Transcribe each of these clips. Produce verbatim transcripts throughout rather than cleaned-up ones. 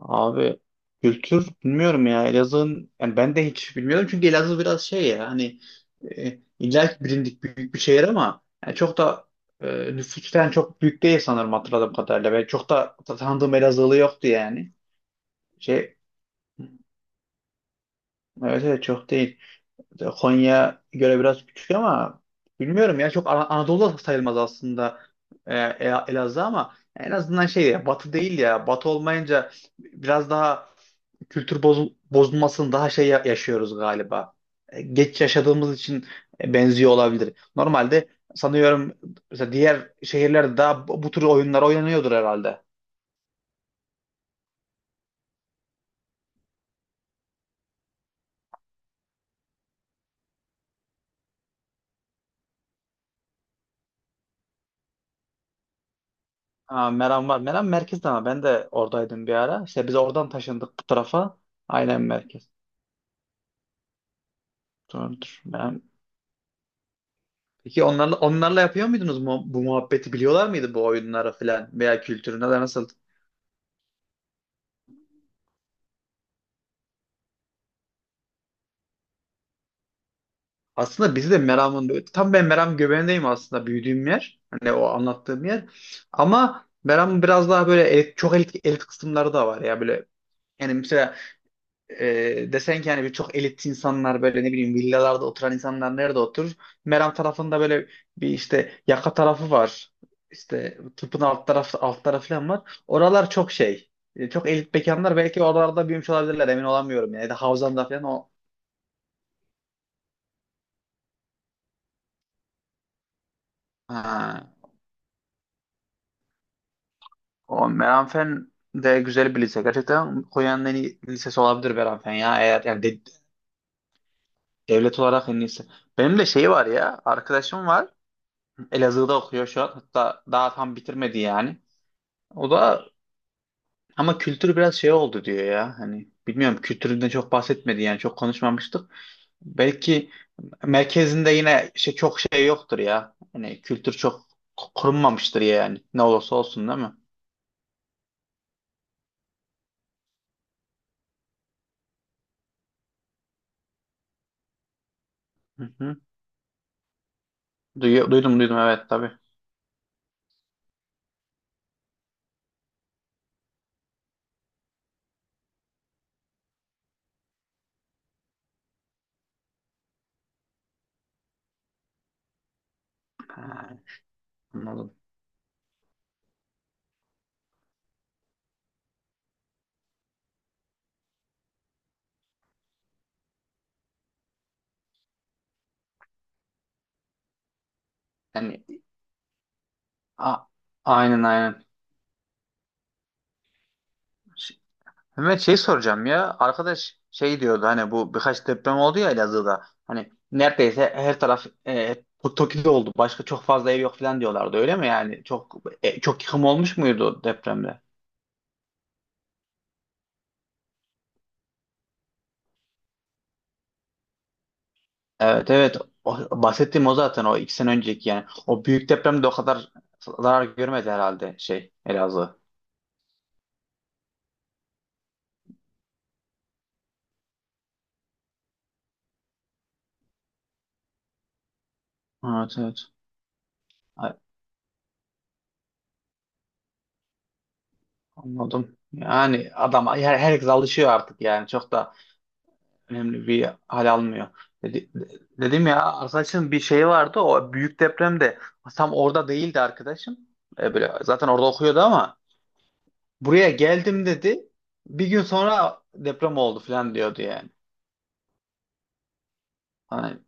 Abi, kültür bilmiyorum ya Elazığ'ın, yani ben de hiç bilmiyorum çünkü Elazığ biraz şey ya hani, e, illa ki bilindik büyük bir şehir ama yani çok da e, nüfustan çok büyük değil sanırım hatırladığım kadarıyla. Ben çok da tanıdığım Elazığlı yoktu yani. Şey evet, evet, çok değil. Konya göre biraz küçük ama bilmiyorum ya çok Ana- Anadolu'da sayılmaz aslında, e, E- Elazığ ama en azından şey ya batı değil, ya batı olmayınca biraz daha kültür boz- bozulmasını daha şey ya- yaşıyoruz galiba. E, Geç yaşadığımız için e, benziyor olabilir. Normalde sanıyorum, mesela diğer şehirlerde daha bu bu tür oyunlar oynanıyordur herhalde. Ha, Meram var. Meram merkezde ama ben de oradaydım bir ara. İşte biz oradan taşındık bu tarafa. Aynen merkez. Doğrudur. Meram. Peki onlarla onlarla yapıyor muydunuz mu, bu muhabbeti biliyorlar mıydı, bu oyunları falan veya kültürünü de nasıl? Aslında bizi de Meram'ın tam, ben Meram göbeğindeyim aslında büyüdüğüm yer. Hani o anlattığım yer. Ama Meram'ın biraz daha böyle elit- çok elit, elit kısımları da var ya böyle, yani mesela e, desen ki yani bir çok elit insanlar böyle, ne bileyim, villalarda oturan insanlar nerede oturur? Meram tarafında böyle bir işte yaka tarafı var. İşte tıpın alt tarafı alt tarafı falan var. Oralar çok şey. e, Çok elit mekanlar, belki oralarda büyümüş olabilirler, emin olamıyorum yani. Ya da Havzan'da falan o. Ha. O Meranfen de güzel bir lise. Gerçekten Konya'nın en iyi lisesi olabilir Meranfen ya. Eğer yani de- devlet olarak en iyisi. Benim de şey var ya. Arkadaşım var. Elazığ'da okuyor şu an. Hatta daha tam bitirmedi yani. O da, ama kültür biraz şey oldu diyor ya. Hani bilmiyorum, kültüründen çok bahsetmedi yani, çok konuşmamıştık. Belki merkezinde yine şey çok şey yoktur ya. Hani kültür çok korunmamıştır yani. Ne olursa olsun, değil mi? Hı hı. Duyu- duydum duydum evet, tabii. Ha, anladım. Yani a- aynen, aynen. Ş- Mehmet, şey soracağım ya. Arkadaş şey diyordu, hani bu birkaç deprem oldu ya Elazığ'da. Hani neredeyse her taraf, e, Toki'de oldu. Başka çok fazla ev yok falan diyorlardı. Öyle mi yani? Çok, e, çok yıkım olmuş muydu depremde? Evet, evet. O, bahsettiğim o zaten o iki sene önceki yani. O büyük depremde o kadar zarar görmedi herhalde şey Elazığ. Evet, evet. Ay, anladım. Yani adam, her, herkes alışıyor artık yani çok da önemli bir hal almıyor. Dedi- Dedim ya, arkadaşım bir şey vardı, o büyük depremde tam orada değildi arkadaşım. E, böyle zaten orada okuyordu ama buraya geldim dedi. Bir gün sonra deprem oldu falan diyordu yani. Hani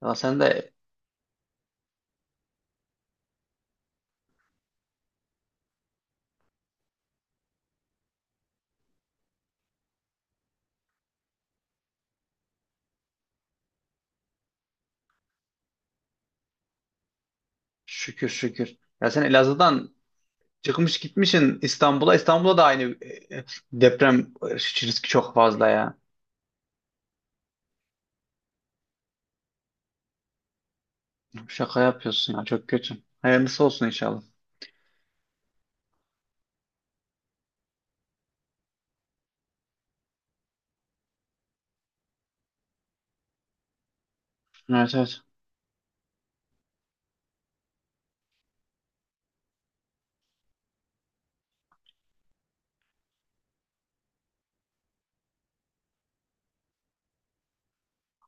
ya sen de, şükür şükür. Ya sen Elazığ'dan çıkmış gitmişsin İstanbul'a. İstanbul'da da aynı e, e, deprem riski çok fazla ya. Şaka yapıyorsun ya, çok kötü. Hayırlısı olsun inşallah. Evet, evet.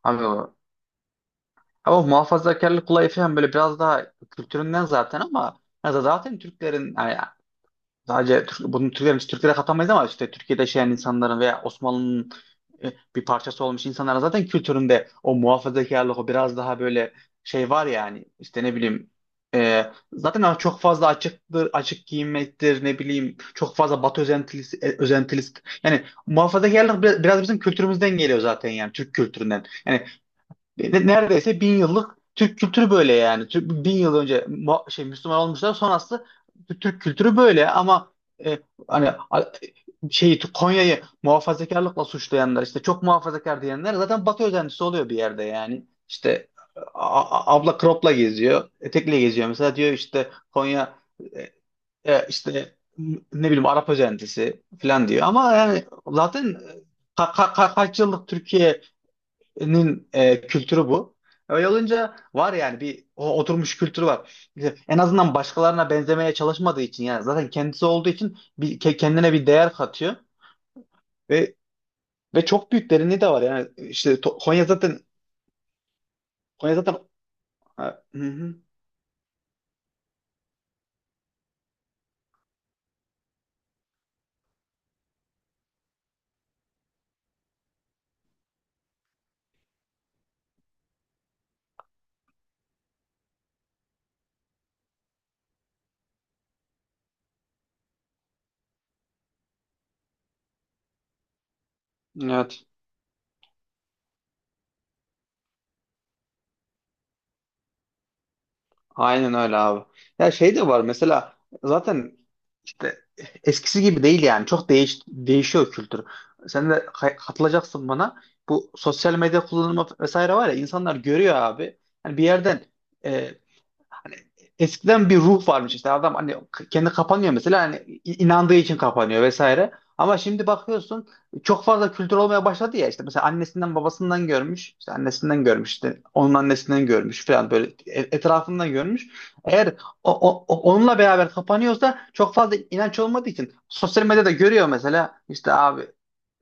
Abi, ama muhafazakarlık olayı falan böyle biraz daha kültüründen zaten, ama ya da zaten Türklerin yani, sadece Türk, bunu Türklerin Türklere katamayız ama işte Türkiye'de yaşayan insanların veya Osmanlı'nın e, bir parçası olmuş insanların zaten kültüründe o muhafazakarlık o biraz daha böyle şey var yani, işte ne bileyim, e, zaten çok fazla açıktır, açık giyinmektir, ne bileyim çok fazla Batı özentilisi, e, özentilisi yani muhafazakarlık biraz, biraz bizim kültürümüzden geliyor zaten, yani Türk kültüründen. Yani e, Ne- neredeyse bin yıllık Türk kültürü böyle yani. Türk, bin yıl önce Mu- şey Müslüman olmuşlar sonrası Türk kültürü böyle ama e, hani, a- şeyi Konya'yı muhafazakarlıkla suçlayanlar işte çok muhafazakar diyenler zaten Batı özentisi oluyor bir yerde yani. İşte a- a- abla cropla geziyor, etekle geziyor. Mesela diyor işte Konya, e, e, işte m- ne bileyim Arap özentisi falan diyor. Ama yani zaten e, ka- ka- ka- kaç yıllık Türkiye nin e, kültürü bu. Öyle olunca var yani, bir o oturmuş kültür var. İşte en azından başkalarına benzemeye çalışmadığı için yani zaten kendisi olduğu için bir, ke- kendine bir değer katıyor ve ve çok büyük derinliği de var yani, işte To- Konya zaten Konya zaten Ha, hı hı. Evet. Aynen öyle abi. Ya şey de var mesela, zaten işte eskisi gibi değil yani, çok değiş değişiyor kültür. Sen de kay- katılacaksın bana. Bu sosyal medya kullanımı vesaire var ya, insanlar görüyor abi. Yani bir yerden, eskiden bir ruh varmış işte, adam hani k- kendi kapanıyor mesela, hani i- inandığı için kapanıyor vesaire. Ama şimdi bakıyorsun çok fazla kültür olmaya başladı ya, işte mesela annesinden babasından görmüş, işte annesinden görmüş, işte onun annesinden görmüş falan böyle e- etrafından görmüş. Eğer o, o- o- onunla beraber kapanıyorsa, çok fazla inanç olmadığı için sosyal medyada görüyor mesela, işte abi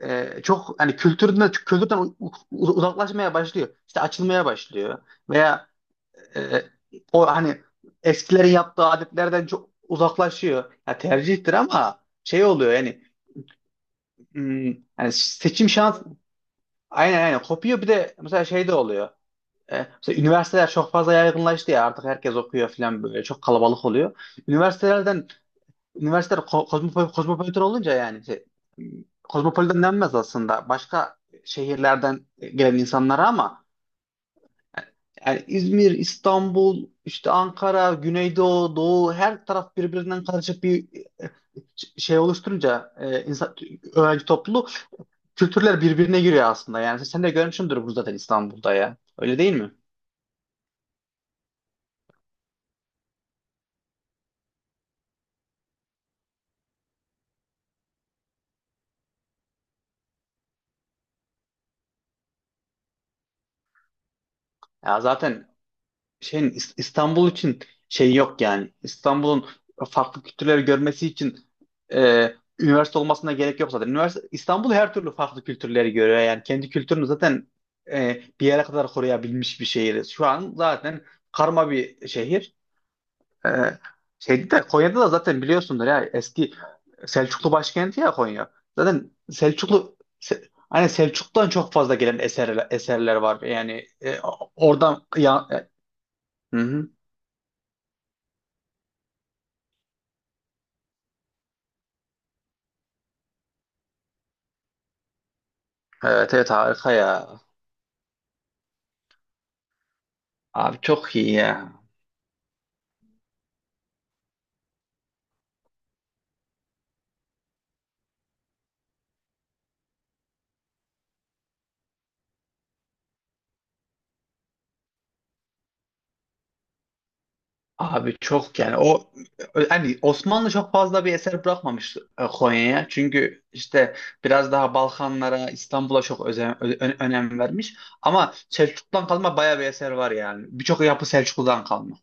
e, çok hani kültürden kültürden u- u- uzaklaşmaya başlıyor, işte açılmaya başlıyor veya e, o hani eskilerin yaptığı adetlerden çok uzaklaşıyor. Ya tercihtir ama şey oluyor yani, hmm, yani seçim şans, aynen, aynen kopuyor. Bir de mesela şey de oluyor. E, mesela üniversiteler çok fazla yaygınlaştı ya, artık herkes okuyor falan böyle çok kalabalık oluyor. Üniversitelerden Üniversiteler ko- kozmopol- kozmopolitan olunca yani şey, hmm, kozmopolitan denmez aslında başka şehirlerden gelen insanlara, ama yani İzmir, İstanbul, işte Ankara, Güneydoğu, Doğu, her taraf birbirinden karışık bir ş- şey oluşturunca, e, insan, öğrenci topluluğu, kültürler birbirine giriyor aslında. Yani sen de görmüşsündür bunu zaten İstanbul'da ya. Öyle değil mi? Ya zaten şey İs- İstanbul için şey yok yani. İstanbul'un farklı kültürleri görmesi için e, üniversite olmasına gerek yok zaten. Üniversite İstanbul her türlü farklı kültürleri görüyor yani. Kendi kültürünü zaten e, bir yere kadar koruyabilmiş bir şehir. Şu an zaten karma bir şehir. E, Şeydi de Konya'da da zaten biliyorsundur ya, eski Selçuklu başkenti ya Konya. Zaten Selçuklu. Se- Hani Selçuk'tan çok fazla gelen eserler, eserler var. Yani e, oradan ya. e, Hı hı. Evet, evet, harika ya. Abi çok iyi ya. Abi çok yani o hani, Osmanlı çok fazla bir eser bırakmamış e, Konya'ya. Çünkü işte biraz daha Balkanlara, İstanbul'a çok özen- ö- ö- önem vermiş. Ama Selçuklu'dan kalma bayağı bir eser var yani. Birçok yapı Selçuklu'dan kalma.